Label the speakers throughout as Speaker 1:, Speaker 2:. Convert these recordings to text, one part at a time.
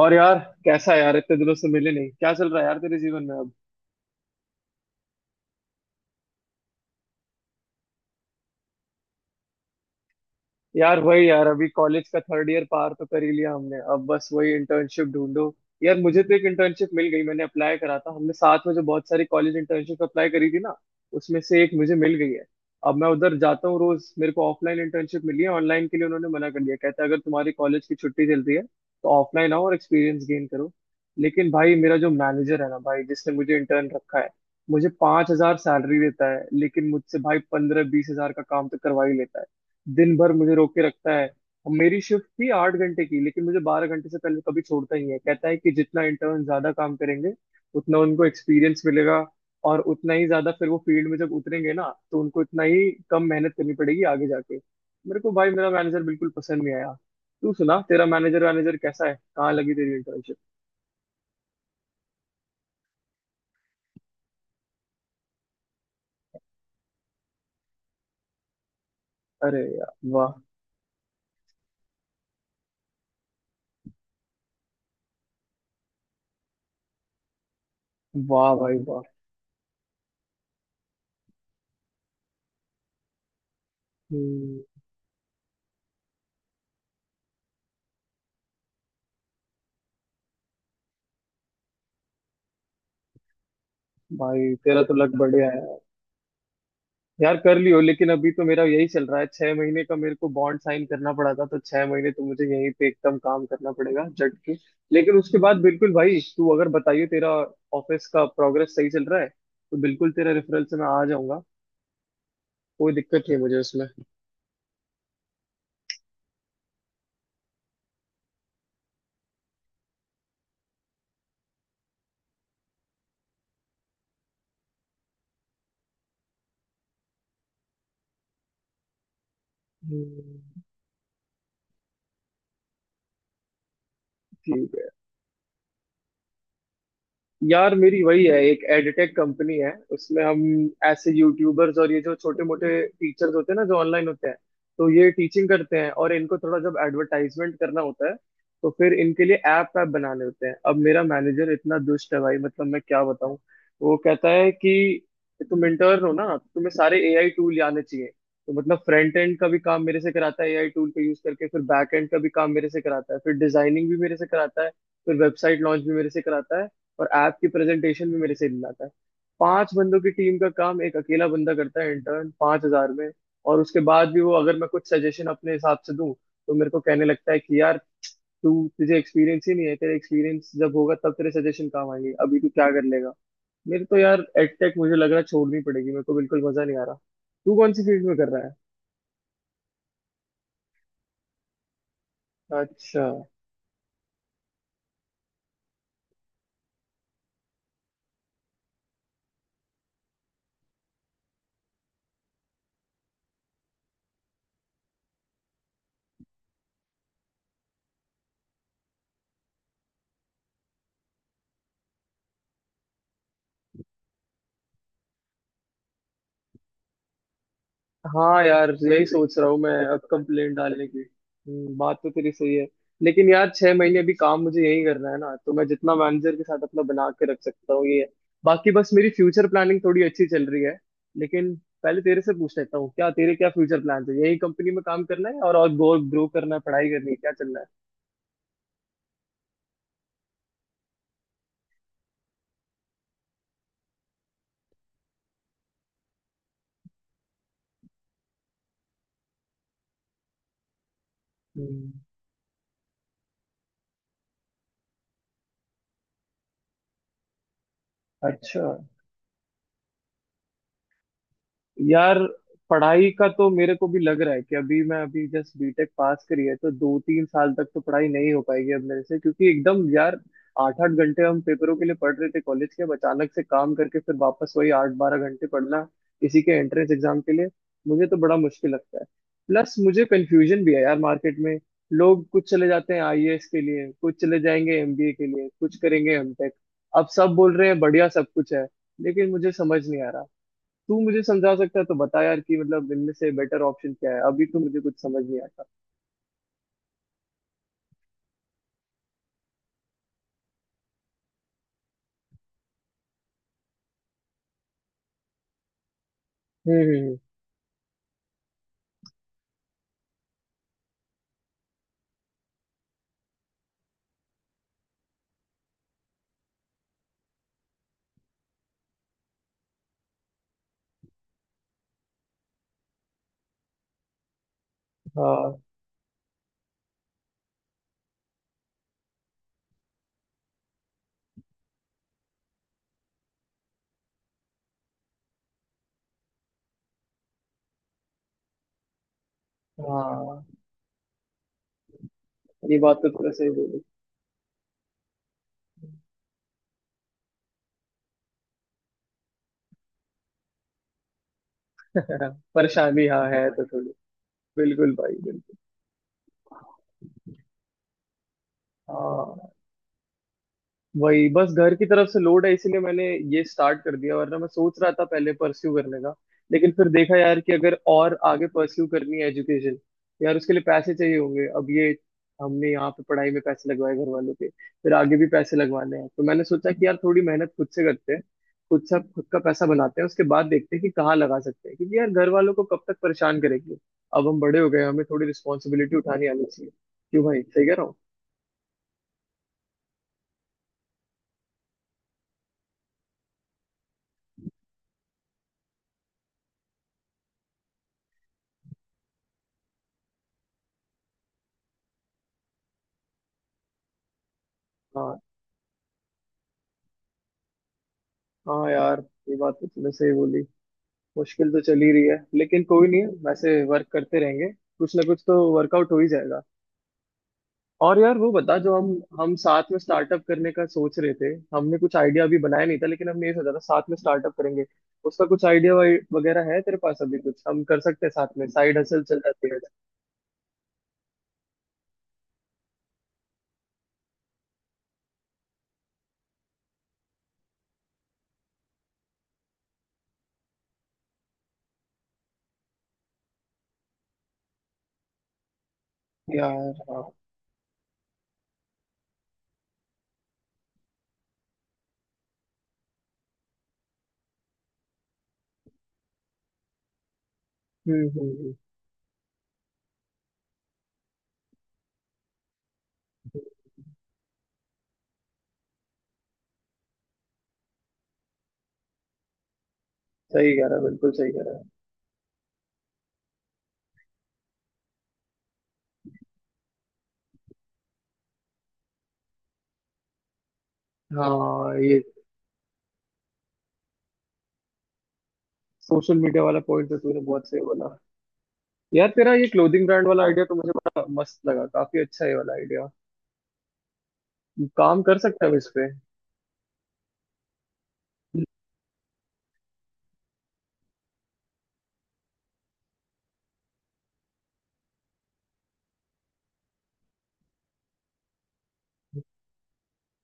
Speaker 1: और यार, कैसा है यार? इतने दिनों से मिले नहीं। क्या चल रहा है यार तेरे जीवन में अब? यार वही यार, अभी कॉलेज का थर्ड ईयर पार तो कर ही लिया हमने। अब बस वही इंटर्नशिप ढूंढो। यार मुझे तो एक इंटर्नशिप मिल गई। मैंने अप्लाई करा था, हमने साथ में जो बहुत सारी कॉलेज इंटर्नशिप अप्लाई करी थी ना, उसमें से एक मुझे मिल गई है। अब मैं उधर जाता हूँ रोज। मेरे को ऑफलाइन इंटर्नशिप मिली है, ऑनलाइन के लिए उन्होंने मना कर दिया। कहते हैं अगर तुम्हारी कॉलेज की छुट्टी चलती है तो ऑफलाइन आओ और एक्सपीरियंस गेन करो। लेकिन भाई मेरा जो मैनेजर है ना भाई, जिसने मुझे इंटर्न रखा है, मुझे 5,000 सैलरी देता है, लेकिन मुझसे भाई 15-20 हजार का काम तो करवा ही लेता है। दिन भर मुझे रोक के रखता है। और मेरी शिफ्ट थी 8 घंटे की, लेकिन मुझे 12 घंटे से पहले कभी छोड़ता ही है। कहता है कि जितना इंटर्न ज्यादा काम करेंगे, उतना उनको एक्सपीरियंस मिलेगा, और उतना ही ज्यादा फिर वो फील्ड में जब उतरेंगे ना, तो उनको इतना ही कम मेहनत करनी पड़ेगी आगे जाके। मेरे को भाई मेरा मैनेजर बिल्कुल पसंद नहीं आया। तू सुना, तेरा मैनेजर मैनेजर कैसा है? कहाँ लगी तेरी इंटर्नशिप? अरे यार वाह। वाह भाई वाह। हम्म। भाई तेरा तो लक बढ़िया। यार कर लियो, लेकिन अभी तो मेरा यही चल रहा है। 6 महीने का मेरे को बॉन्ड साइन करना पड़ा था, तो 6 महीने तो मुझे यहीं पे एकदम काम करना पड़ेगा जट के। लेकिन उसके बाद बिल्कुल भाई, तू अगर बताइए तेरा ऑफिस का प्रोग्रेस सही चल रहा है तो बिल्कुल तेरा रेफरेंस से मैं आ जाऊंगा। कोई दिक्कत नहीं है मुझे उसमें। हम्म। ठीक है। यार मेरी वही है, एक एडटेक कंपनी है, उसमें हम ऐसे यूट्यूबर्स और ये जो छोटे मोटे टीचर्स होते हैं ना, जो ऑनलाइन होते हैं, तो ये टीचिंग करते हैं, और इनको थोड़ा जब एडवर्टाइजमेंट करना होता है तो फिर इनके लिए ऐप ऐप बनाने होते हैं। अब मेरा मैनेजर इतना दुष्ट है भाई, मतलब मैं क्या बताऊं। वो कहता है कि तुम इंटर्न हो ना तो तुम्हें सारे एआई टूल आने चाहिए। तो मतलब फ्रंट एंड का भी काम मेरे से कराता है, एआई टूल का यूज करके, फिर बैक एंड का भी काम मेरे से कराता है, फिर डिजाइनिंग भी मेरे से कराता है, फिर वेबसाइट लॉन्च भी मेरे से कराता है, और ऐप की प्रेजेंटेशन भी मेरे से लाता है। पांच बंदों की टीम का काम एक अकेला बंदा करता है, इंटर्न, 5,000 में। और उसके बाद भी वो, अगर मैं कुछ सजेशन अपने हिसाब से दूं तो मेरे को कहने लगता है कि यार, तू तुझे एक्सपीरियंस ही नहीं है। तेरा एक्सपीरियंस जब होगा तब तेरे सजेशन काम आएंगे, अभी तू क्या कर लेगा। मेरे तो यार एडटेक मुझे लग रहा है छोड़नी पड़ेगी, मेरे को बिल्कुल मजा नहीं आ रहा। तू कौन सी फील्ड में कर रहा है? अच्छा। हाँ यार, यही सोच रहा हूँ मैं अब कंप्लेंट डालने की। बात तो तेरी सही है। लेकिन यार 6 महीने अभी काम मुझे यही करना है ना, तो मैं जितना मैनेजर के साथ अपना बना के रख सकता हूँ ये है। बाकी बस मेरी फ्यूचर प्लानिंग थोड़ी अच्छी चल रही है। लेकिन पहले तेरे से पूछ लेता हूँ, क्या तेरे क्या फ्यूचर प्लान है? यही कंपनी में काम करना है और ग्रो करना है, पढ़ाई करनी है, क्या चलना है? हम्म। अच्छा। यार पढ़ाई का तो मेरे को भी लग रहा है कि अभी मैं, अभी जस्ट बीटेक पास करी है तो 2-3 साल तक तो पढ़ाई नहीं हो पाएगी अब मेरे से, क्योंकि एकदम यार 8-8 घंटे हम पेपरों के लिए पढ़ रहे थे कॉलेज के, अब अचानक से काम करके फिर वापस वही 8-12 घंटे पढ़ना, इसी के एंट्रेंस एग्जाम के लिए, मुझे तो बड़ा मुश्किल लगता है। प्लस मुझे कंफ्यूजन भी है यार, मार्केट में लोग कुछ चले जाते हैं आईएएस के लिए, कुछ चले जाएंगे एमबीए के लिए, कुछ करेंगे एमटेक। अब सब बोल रहे हैं बढ़िया सब कुछ है, लेकिन मुझे समझ नहीं आ रहा। तू मुझे समझा सकता है तो बता यार कि मतलब इनमें से बेटर ऑप्शन क्या है? अभी तो मुझे कुछ समझ नहीं आता। हम्म। हाँ हाँ, ये बात तो थोड़ा सही बोली। परेशानी हाँ है तो थोड़ी। बिल्कुल भाई बिल्कुल। हाँ। वही बस घर की तरफ से लोड है, इसीलिए मैंने ये स्टार्ट कर दिया। वरना मैं सोच रहा था पहले परस्यू करने का, लेकिन फिर देखा यार कि अगर और आगे परस्यू करनी है एजुकेशन, यार उसके लिए पैसे चाहिए होंगे। अब ये, हमने यहाँ पे पढ़ाई में पैसे लगवाए घर वालों के, फिर आगे भी पैसे लगवाने हैं, तो मैंने सोचा कि यार थोड़ी मेहनत खुद से करते हैं, खुद से खुद का पैसा बनाते हैं, उसके बाद देखते हैं कि कहाँ लगा सकते हैं, क्योंकि यार घर वालों को कब तक परेशान करेंगे। अब हम बड़े हो गए, हमें थोड़ी रिस्पॉन्सिबिलिटी उठानी आनी चाहिए। क्यों भाई, सही कह रहा हूँ? हाँ हाँ यार, ये बात तो तूने सही बोली। मुश्किल तो चल ही रही है, लेकिन कोई नहीं, वैसे वर्क करते रहेंगे, कुछ ना कुछ तो वर्कआउट हो ही जाएगा। और यार वो बता, जो हम साथ में स्टार्टअप करने का सोच रहे थे, हमने कुछ आइडिया अभी बनाया नहीं था, लेकिन हमने ये सोचा था साथ में स्टार्टअप करेंगे। उसका कुछ आइडिया वगैरह है तेरे पास? अभी कुछ हम कर सकते हैं साथ में, साइड हसल चल जाती है। यार हाँ। हम्म। सही कह रहा है, बिल्कुल सही कह रहा है। हाँ ये सोशल मीडिया वाला पॉइंट तो तूने बहुत सही बोला। यार तेरा ये क्लोथिंग ब्रांड वाला आइडिया तो मुझे बड़ा मस्त लगा, काफी अच्छा है ये वाला आइडिया। काम कर सकते हैं हम इस पे।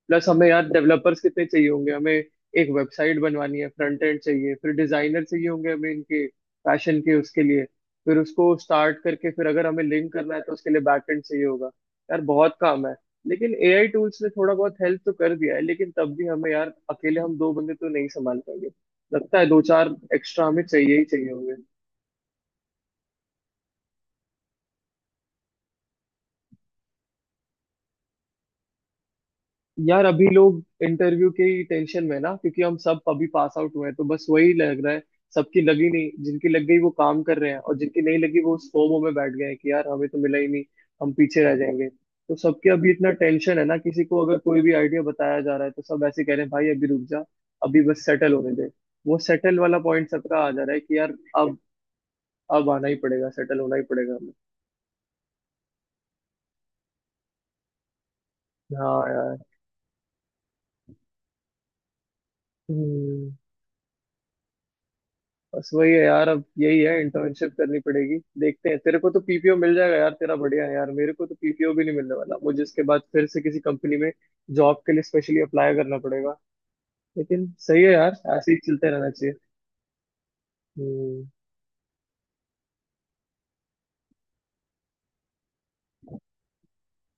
Speaker 1: प्लस हमें यार डेवलपर्स कितने चाहिए होंगे, हमें एक वेबसाइट बनवानी है, फ्रंट एंड चाहिए, फिर डिजाइनर चाहिए होंगे हमें इनके फैशन के उसके लिए, फिर उसको स्टार्ट करके फिर अगर हमें लिंक करना है तो उसके लिए बैक एंड चाहिए होगा। यार बहुत काम है। लेकिन एआई टूल्स ने थोड़ा बहुत हेल्प तो कर दिया है, लेकिन तब भी हमें यार अकेले हम दो बंदे तो नहीं संभाल पाएंगे। लगता है दो चार एक्स्ट्रा हमें चाहिए ही चाहिए होंगे। यार अभी लोग इंटरव्यू की टेंशन में ना, क्योंकि हम सब अभी पास आउट हुए हैं, तो बस वही लग रहा है। सबकी लगी नहीं, जिनकी लग गई वो काम कर रहे हैं, और जिनकी नहीं लगी वो उस फोमो में बैठ गए हैं कि यार हमें तो मिला ही नहीं, हम पीछे रह जाएंगे। तो सबके अभी इतना टेंशन है ना, किसी को अगर कोई भी आइडिया बताया जा रहा है तो सब ऐसे कह रहे हैं भाई अभी रुक जा, अभी बस सेटल होने दे। वो सेटल वाला पॉइंट सबका आ जा रहा है कि यार, अब अब आना ही पड़ेगा, सेटल होना ही पड़ेगा हमें। हाँ यार। हम्म। बस वही है यार, अब यही है, इंटर्नशिप करनी पड़ेगी। देखते हैं, तेरे को तो पीपीओ मिल जाएगा, यार तेरा बढ़िया है। यार मेरे को तो पीपीओ भी नहीं मिलने वाला, मुझे इसके बाद फिर से किसी कंपनी में जॉब के लिए स्पेशली अप्लाई करना पड़ेगा। लेकिन सही है यार, ऐसे ही चलते रहना चाहिए। हम्म।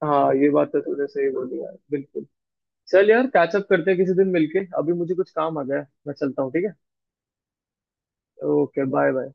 Speaker 1: हाँ ये बात तो तूने सही बोली यार, बिल्कुल। चल यार, कैचअप करते हैं किसी दिन मिलके। अभी मुझे कुछ काम आ गया है, मैं चलता हूँ, ठीक है। Okay bye bye.